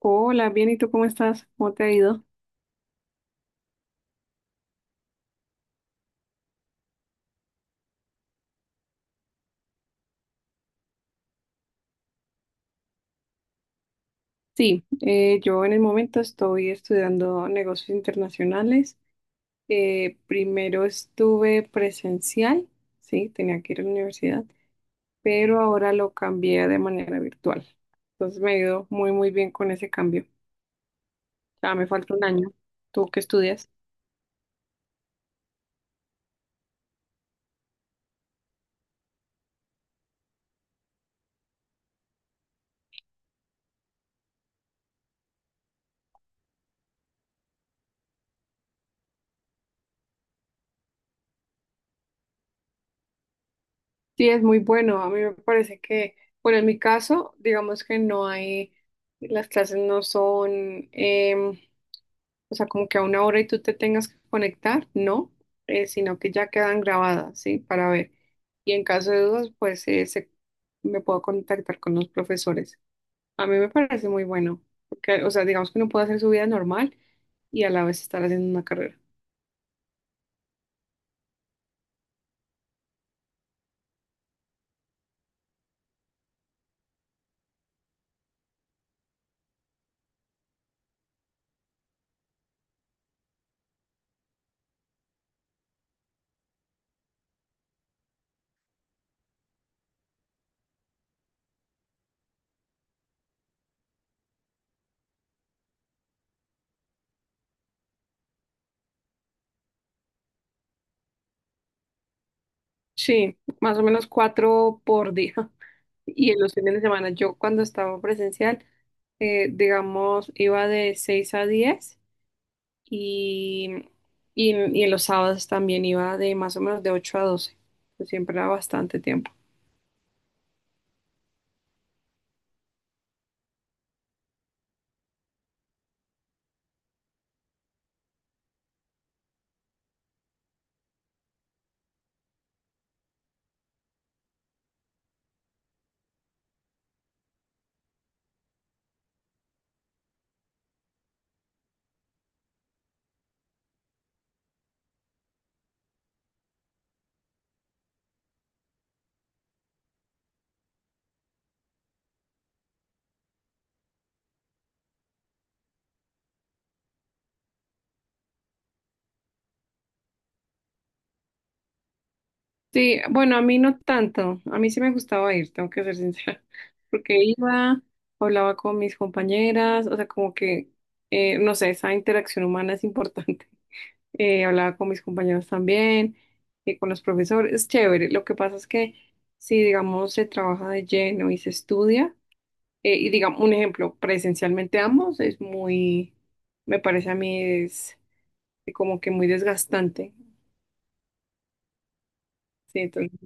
Hola, bien, ¿y tú cómo estás? ¿Cómo te ha ido? Sí, yo en el momento estoy estudiando negocios internacionales. Primero estuve presencial, sí, tenía que ir a la universidad, pero ahora lo cambié de manera virtual. Entonces me ha ido muy, muy bien con ese cambio. Ya me falta un año. ¿Tú qué estudias? Sí, es muy bueno. A mí me parece que, bueno, en mi caso, digamos que no hay, las clases no son. em, O sea, como que a una hora y tú te tengas que conectar, no, sino que ya quedan grabadas, ¿sí? Para ver. Y en caso de dudas, pues me puedo contactar con los profesores. A mí me parece muy bueno, porque, o sea, digamos que uno puede hacer su vida normal y a la vez estar haciendo una carrera. Sí, más o menos 4 por día. Y en los fines de semana, yo cuando estaba presencial, digamos, iba de 6 a 10. Y, y en los sábados también iba de más o menos de 8 a 12, pues siempre era bastante tiempo. Sí, bueno, a mí no tanto. A mí sí me gustaba ir, tengo que ser sincera. Porque iba, hablaba con mis compañeras, o sea, como que, no sé, esa interacción humana es importante. Hablaba con mis compañeros también, con los profesores, es chévere. Lo que pasa es que si, digamos, se trabaja de lleno y se estudia, y digamos, un ejemplo, presencialmente ambos es muy, me parece a mí es como que muy desgastante. Sí, entonces,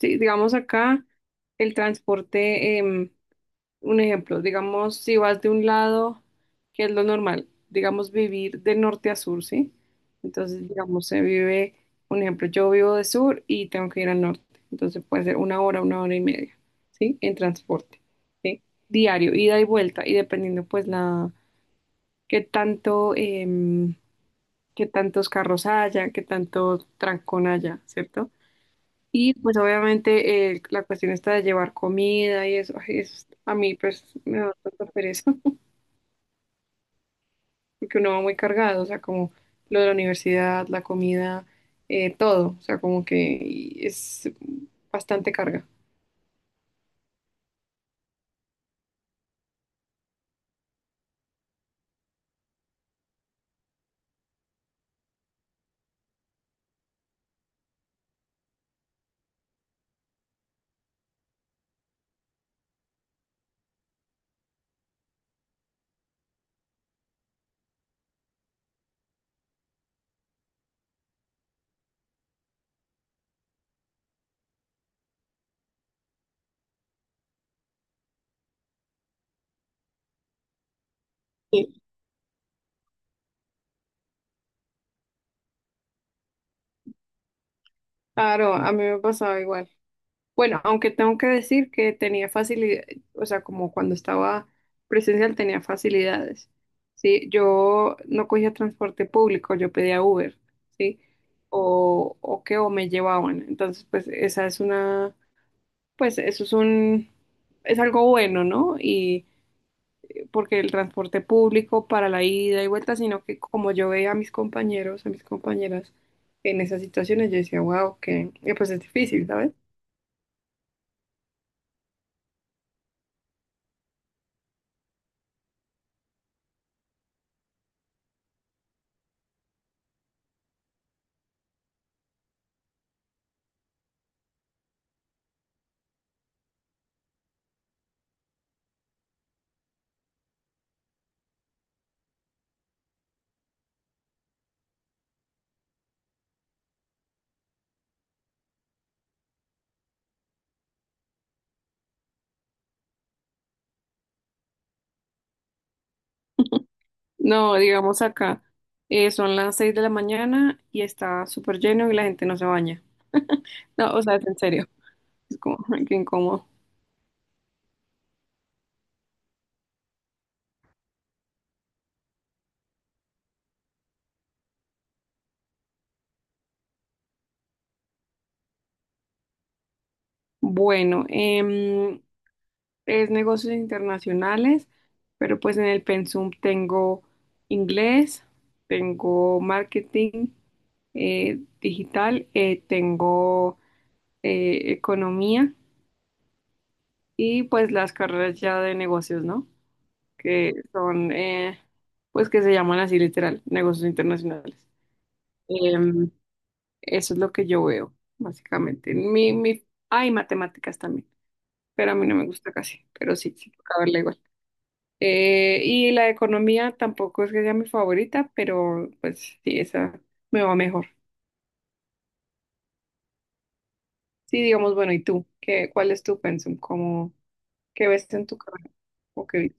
sí, digamos acá el transporte, un ejemplo, digamos, si vas de un lado, que es lo normal, digamos, vivir de norte a sur, ¿sí? Entonces, digamos, se vive, un ejemplo, yo vivo de sur y tengo que ir al norte, entonces puede ser una hora y media, ¿sí? En transporte, ¿sí? Diario, ida y vuelta, y dependiendo pues la qué tanto, qué tantos carros haya, qué tanto trancón haya, ¿cierto? Y pues obviamente la cuestión está de llevar comida y eso, ay, a mí pues me da tanta pereza, porque uno va muy cargado, o sea, como lo de la universidad, la comida, todo, o sea, como que es bastante carga. Sí. Claro, a mí me pasaba igual. Bueno, aunque tengo que decir que tenía facilidad, o sea, como cuando estaba presencial tenía facilidades, ¿sí? Yo no cogía transporte público, yo pedía Uber, ¿sí? O me llevaban. Entonces, pues esa es una, pues eso es un, es algo bueno, ¿no? Y porque el transporte público para la ida y vuelta, sino que como yo veía a mis compañeros, a mis compañeras en esas situaciones, yo decía, wow, que, pues es difícil, ¿sabes? No, digamos acá, son las 6 de la mañana y está súper lleno y la gente no se baña. No, o sea, es en serio, es como ay, qué incómodo. Bueno, es negocios internacionales, pero pues en el pensum tengo inglés, tengo marketing digital, tengo economía y pues las carreras ya de negocios, ¿no? Que son, pues que se llaman así literal, negocios internacionales. Em, Eso es lo que yo veo, básicamente. Hay matemáticas también, pero a mí no me gusta casi, pero sí, sí, toca verla igual. Y la economía tampoco es que sea mi favorita, pero pues sí, esa me va mejor. Sí, digamos, bueno, ¿y tú? ¿Cuál es tu pensum? ¿Qué ves en tu carrera? ¿O qué viste?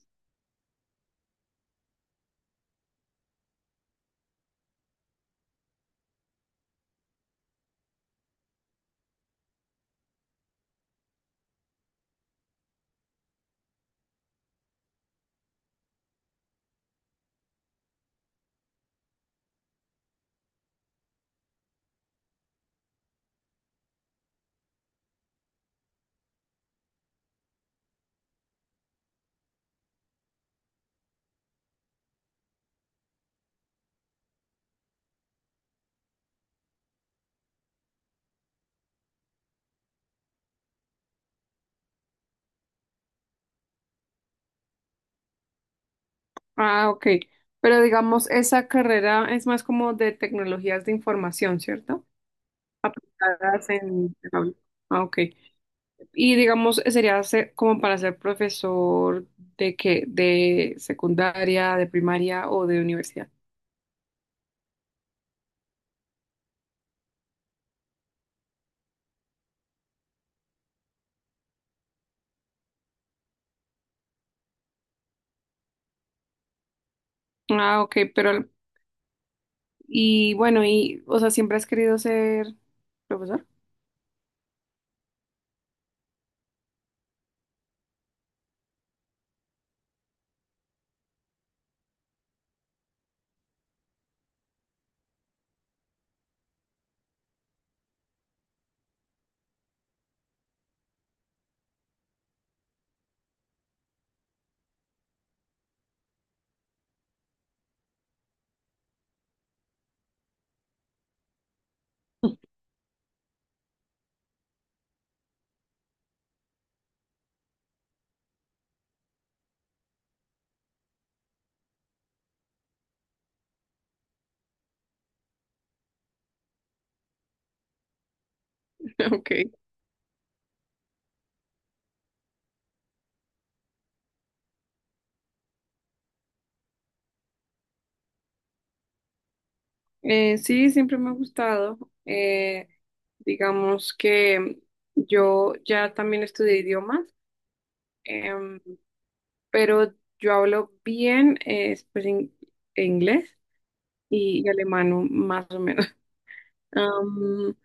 Ah, ok. Pero digamos, esa carrera es más como de tecnologías de información, ¿cierto? Aplicadas en aula. Ah, ok. Y digamos, como para ser profesor de qué, de secundaria, de primaria o de universidad. Ah, ok, pero y bueno, y o sea, ¿siempre has querido ser profesor? Ok. Sí, siempre me ha gustado. Eh, digamos que yo ya también estudié idiomas, em, pero yo hablo bien inglés. Y alemano, más o menos. Am,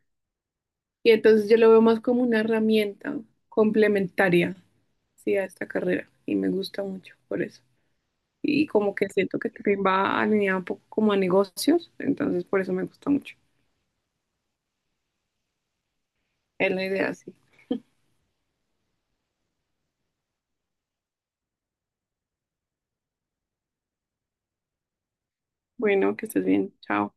y entonces yo lo veo más como una herramienta complementaria, sí, a esta carrera y me gusta mucho por eso. Y como que siento que también va alineado un poco como a negocios, entonces por eso me gusta mucho. Es la idea, sí. Bueno, que estés bien. Chao.